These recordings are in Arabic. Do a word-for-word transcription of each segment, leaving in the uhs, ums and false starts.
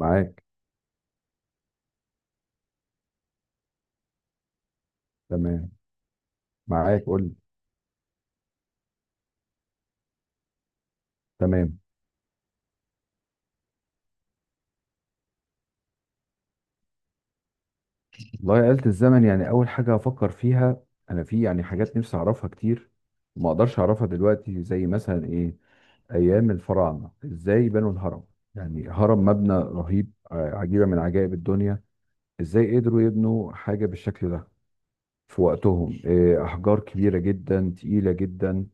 معاك. تمام. معاك قول لي. تمام. والله آلة الزمن، يعني أول حاجة أفكر فيها، أنا في يعني حاجات نفسي أعرفها كتير وما أقدرش أعرفها دلوقتي زي مثلا إيه، أيام الفراعنة إزاي بنوا الهرم. يعني هرم مبنى رهيب، آه، عجيبة من عجائب الدنيا. إزاي قدروا يبنوا حاجة بالشكل ده في وقتهم؟ إيه، أحجار كبيرة جدا تقيلة جدا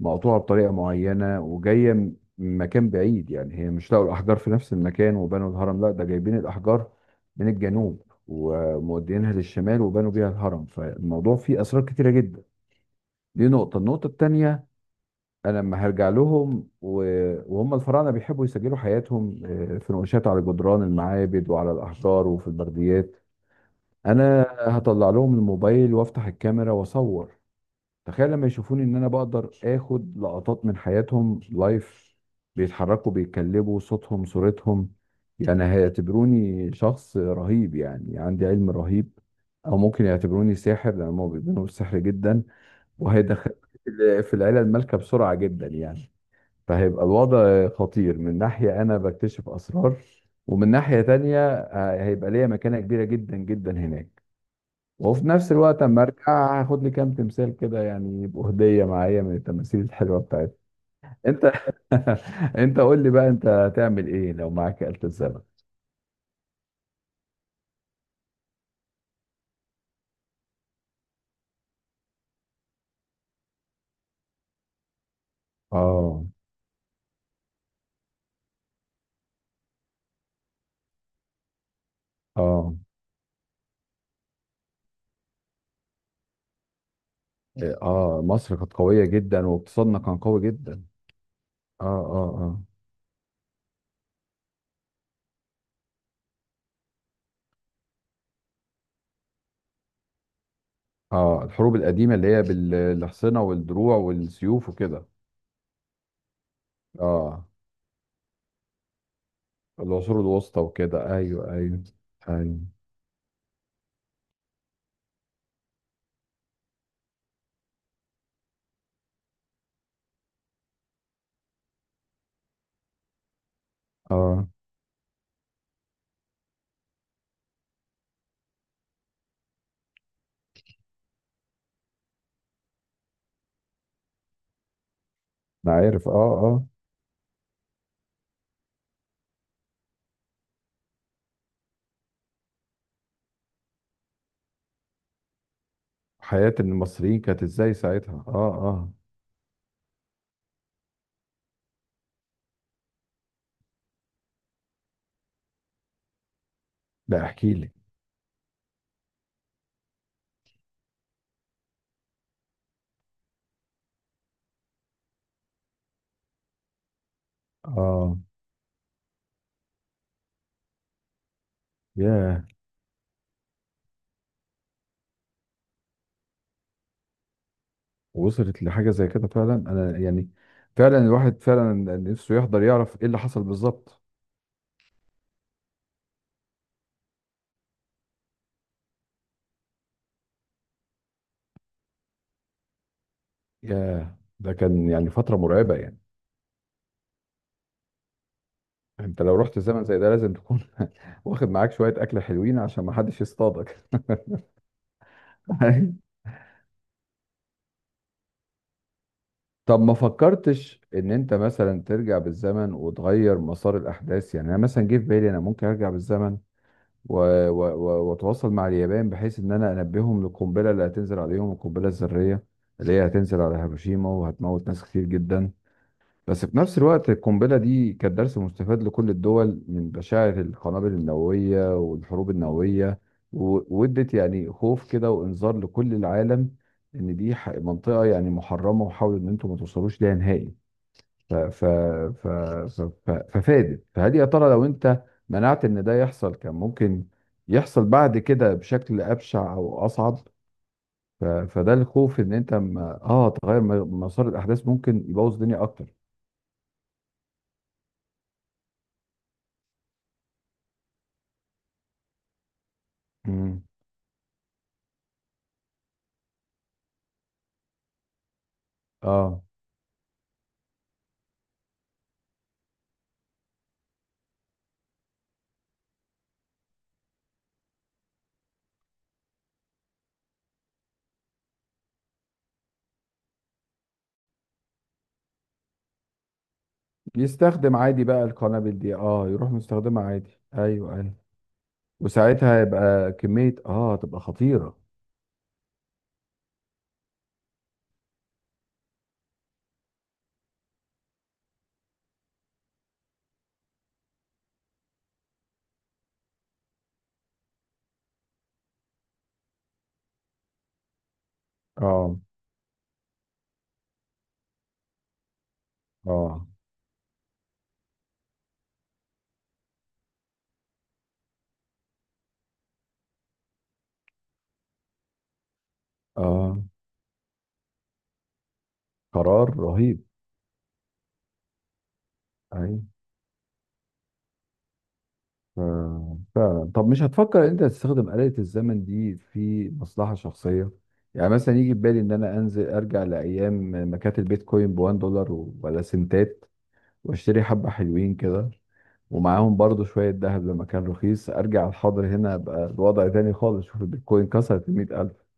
مقطوعة بطريقة معينة وجاية م- من مكان بعيد. يعني هي مش لقوا الأحجار في نفس المكان وبنوا الهرم، لا ده جايبين الأحجار من الجنوب ومودينها للشمال وبنوا بيها الهرم. فالموضوع فيه أسرار كتيرة جدا. دي نقطة، النقطة التانية أنا لما هرجع لهم، و- وهم الفراعنة بيحبوا يسجلوا حياتهم آه، في نقوشات على جدران المعابد وعلى الأحجار وفي البرديات. أنا هطلع لهم الموبايل وأفتح الكاميرا وأصور. تخيل لما يشوفوني ان انا بقدر اخد لقطات من حياتهم لايف، بيتحركوا بيتكلموا صوتهم صورتهم. يعني هيعتبروني شخص رهيب، يعني عندي علم رهيب، او ممكن يعتبروني ساحر لان هم بيؤمنوا بالسحر جدا. وهيدخل في العيله المالكه بسرعه جدا يعني. فهيبقى الوضع خطير، من ناحيه انا بكتشف اسرار، ومن ناحيه تانية آه، هيبقى ليا مكانه كبيره جدا جدا هناك. وفي نفس الوقت اما ارجع هاخد لي كام تمثال كده، يعني يبقوا هديه معايا من التماثيل الحلوه بتاعتي. انت انت قول لي بقى، انت هتعمل ايه لو معاك آلة الزمن؟ اه، اه، اه، مصر كانت قويه جدا واقتصادنا كان قوي جدا. اه، اه، اه، اه الحروب القديمه اللي هي بالاحصنه والدروع والسيوف وكده. اه العصور الوسطى وكده، ايوه ايوه. ايوه. اه انا عارف. اه، اه، حياه المصريين كانت ازاي ساعتها؟ اه اه. لا، احكي لي. اه. ياه. وصلت لحاجه زي كده فعلا انا يعني. فعلا الواحد فعلا نفسه يحضر يعرف ايه اللي حصل بالظبط. ياه، ده كان يعني فتره مرعبه يعني. انت لو رحت زمن زي ده لازم تكون واخد معاك شويه اكل حلوين عشان ما حدش يصطادك طب ما فكرتش ان انت مثلا ترجع بالزمن وتغير مسار الاحداث؟ يعني انا مثلا جه في بالي انا ممكن ارجع بالزمن و- و- و- واتواصل مع اليابان، بحيث ان انا انبههم للقنبله اللي هتنزل عليهم، القنبله الذريه اللي هي هتنزل على هيروشيما وهتموت ناس كتير جدا. بس في نفس الوقت القنبله دي كانت درس مستفاد لكل الدول من بشاعر القنابل النوويه والحروب النوويه، و- وادت يعني خوف كده وانذار لكل العالم ان دي ح- منطقه يعني محرمه، وحاولوا ان انتم ما توصلوش ليها نهائي. ف ف ف ف ف ففادت. فهل يا ترى لو انت منعت ان ده يحصل كان ممكن يحصل بعد كده بشكل ابشع او اصعب؟ ف فده الخوف ان انت ما اه تغير م- مسار الاحداث ممكن يبوظ الدنيا اكتر. امم. اه، يستخدم عادي بقى القنابل دي، اه يروح مستخدمها عادي، ايوه ايوه. وساعتها يبقى كمية اه تبقى خطيرة. اه، اه، اه. قرار رهيب. ايوه. ف- فعلا. طب مش هتفكر انت تستخدم آلة الزمن دي في مصلحة شخصية؟ يعني مثلا يجي في بالي ان انا انزل ارجع لايام ما كانت البيتكوين ب واحد دولار و- ولا سنتات، واشتري حبة حلوين كده، ومعاهم برضو شوية ذهب لما كان رخيص. ارجع الحاضر هنا ابقى الوضع تاني خالص، شوف البيتكوين كسرت ال مية الف.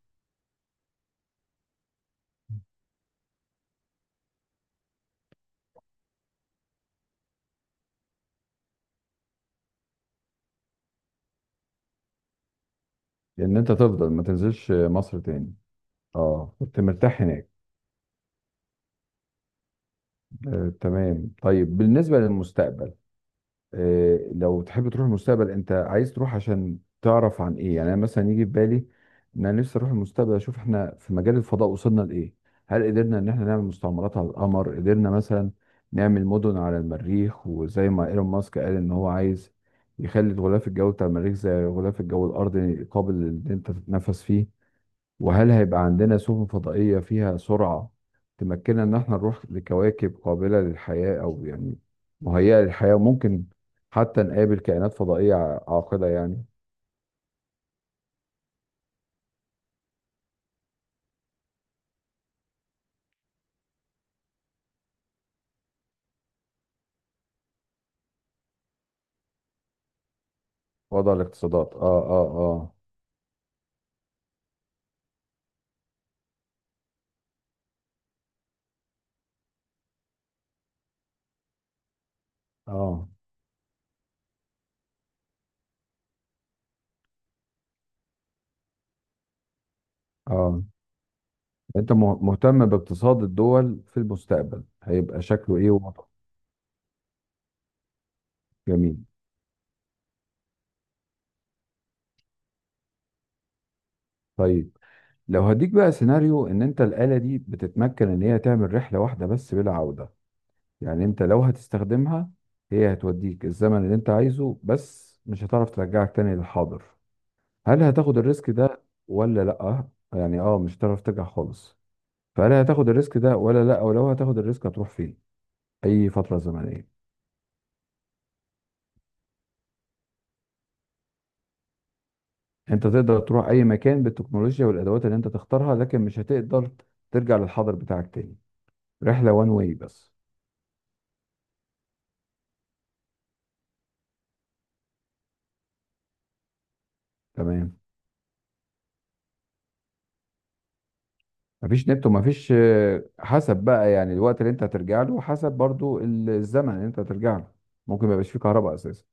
لان انت تفضل ما تنزلش مصر تاني. اه كنت مرتاح هناك. آه تمام. طيب بالنسبة للمستقبل، آه، لو تحب تروح المستقبل انت عايز تروح عشان تعرف عن ايه؟ يعني انا مثلا يجي في بالي ان انا نفسي اروح المستقبل اشوف احنا في مجال الفضاء وصلنا لايه. هل قدرنا ان احنا نعمل مستعمرات على القمر؟ قدرنا مثلا نعمل مدن على المريخ وزي ما ايلون ماسك قال ان هو عايز يخلي الغلاف الجوي بتاع المريخ زي غلاف الجو الارضي قابل ان انت تتنفس فيه. وهل هيبقى عندنا سفن فضائية فيها سرعة تمكننا إن احنا نروح لكواكب قابلة للحياة، أو يعني مهيئة للحياة، وممكن حتى نقابل كائنات فضائية ع- عاقلة يعني. وضع الاقتصادات، آه، آه، آه، آه، آه. أنت مه- مهتم باقتصاد الدول في المستقبل هيبقى شكله إيه ووضعه. جميل. طيب لو هديك بقى سيناريو، إن أنت الآلة دي بتتمكن إن هي تعمل رحلة واحدة بس بلا عودة. يعني انت لو هتستخدمها هي هتوديك الزمن اللي انت عايزه بس مش هتعرف ترجعك تاني للحاضر. هل هتاخد الريسك ده ولا لا؟ يعني اه، مش هتعرف ترجع خالص. فهل هتاخد الريسك ده ولا لا؟ ولو هتاخد الريسك هتروح فين؟ اي فترة زمنية؟ انت تقدر تروح اي مكان بالتكنولوجيا والادوات اللي انت تختارها، لكن مش هتقدر ترجع للحاضر بتاعك تاني. رحلة وان واي بس. تمام. مفيش نت ومفيش آه، حسب بقى يعني الوقت اللي انت هترجع له، حسب برضو ال- الزمن اللي انت هترجع له ممكن ما يبقاش فيه كهرباء اساسا.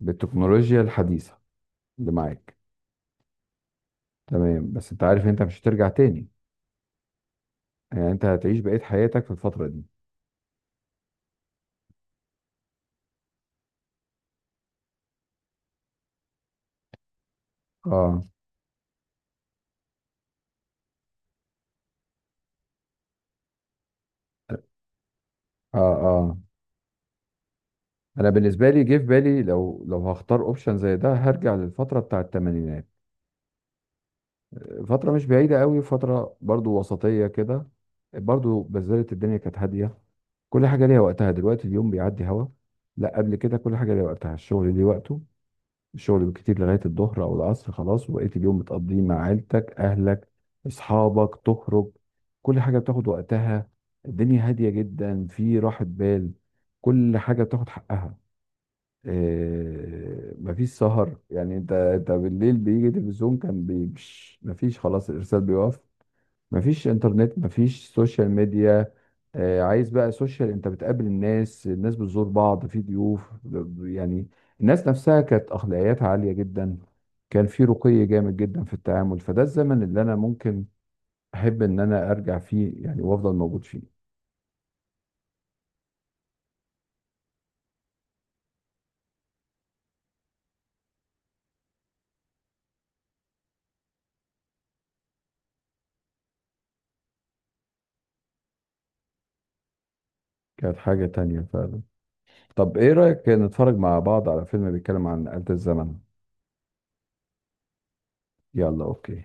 بالتكنولوجيا الحديثة اللي معاك. تمام. بس انت عارف انت مش هترجع تاني، يعني انت هتعيش بقية حياتك في الفترة دي. اه، اه، اه. انا بالنسبة لي جه في بالي، لو لو هختار اوبشن زي ده هرجع للفترة بتاع الثمانينات. فترة مش بعيدة قوي، فترة برضو وسطية كده، برضو بذلت الدنيا كانت هادية. كل حاجة ليها وقتها، دلوقتي اليوم بيعدي هوا، لا قبل كده كل حاجة ليها وقتها. الشغل ليه وقته، الشغل بالكتير لغاية الظهر أو العصر خلاص، وبقيت اليوم بتقضيه مع عيلتك، أهلك، أصحابك، تخرج. كل حاجة بتاخد وقتها. الدنيا هادية جدا، في راحة بال. كل حاجة بتاخد حقها. إيه، مفيش سهر يعني، انت انت بالليل بيجي تلفزيون كان بي- مش مفيش خلاص، الارسال بيقف. مفيش انترنت، مفيش سوشيال ميديا. إيه، عايز بقى سوشيال، انت بتقابل الناس، الناس بتزور بعض في ضيوف يعني. الناس نفسها كانت اخلاقياتها عالية جدا، كان في رقي جامد جدا في التعامل. فده الزمن اللي انا ممكن احب ان انا ارجع فيه يعني، وافضل موجود فيه. كانت حاجة تانية فعلا. طب ايه رأيك نتفرج مع بعض على فيلم بيتكلم عن آلة الزمن؟ يلا اوكي.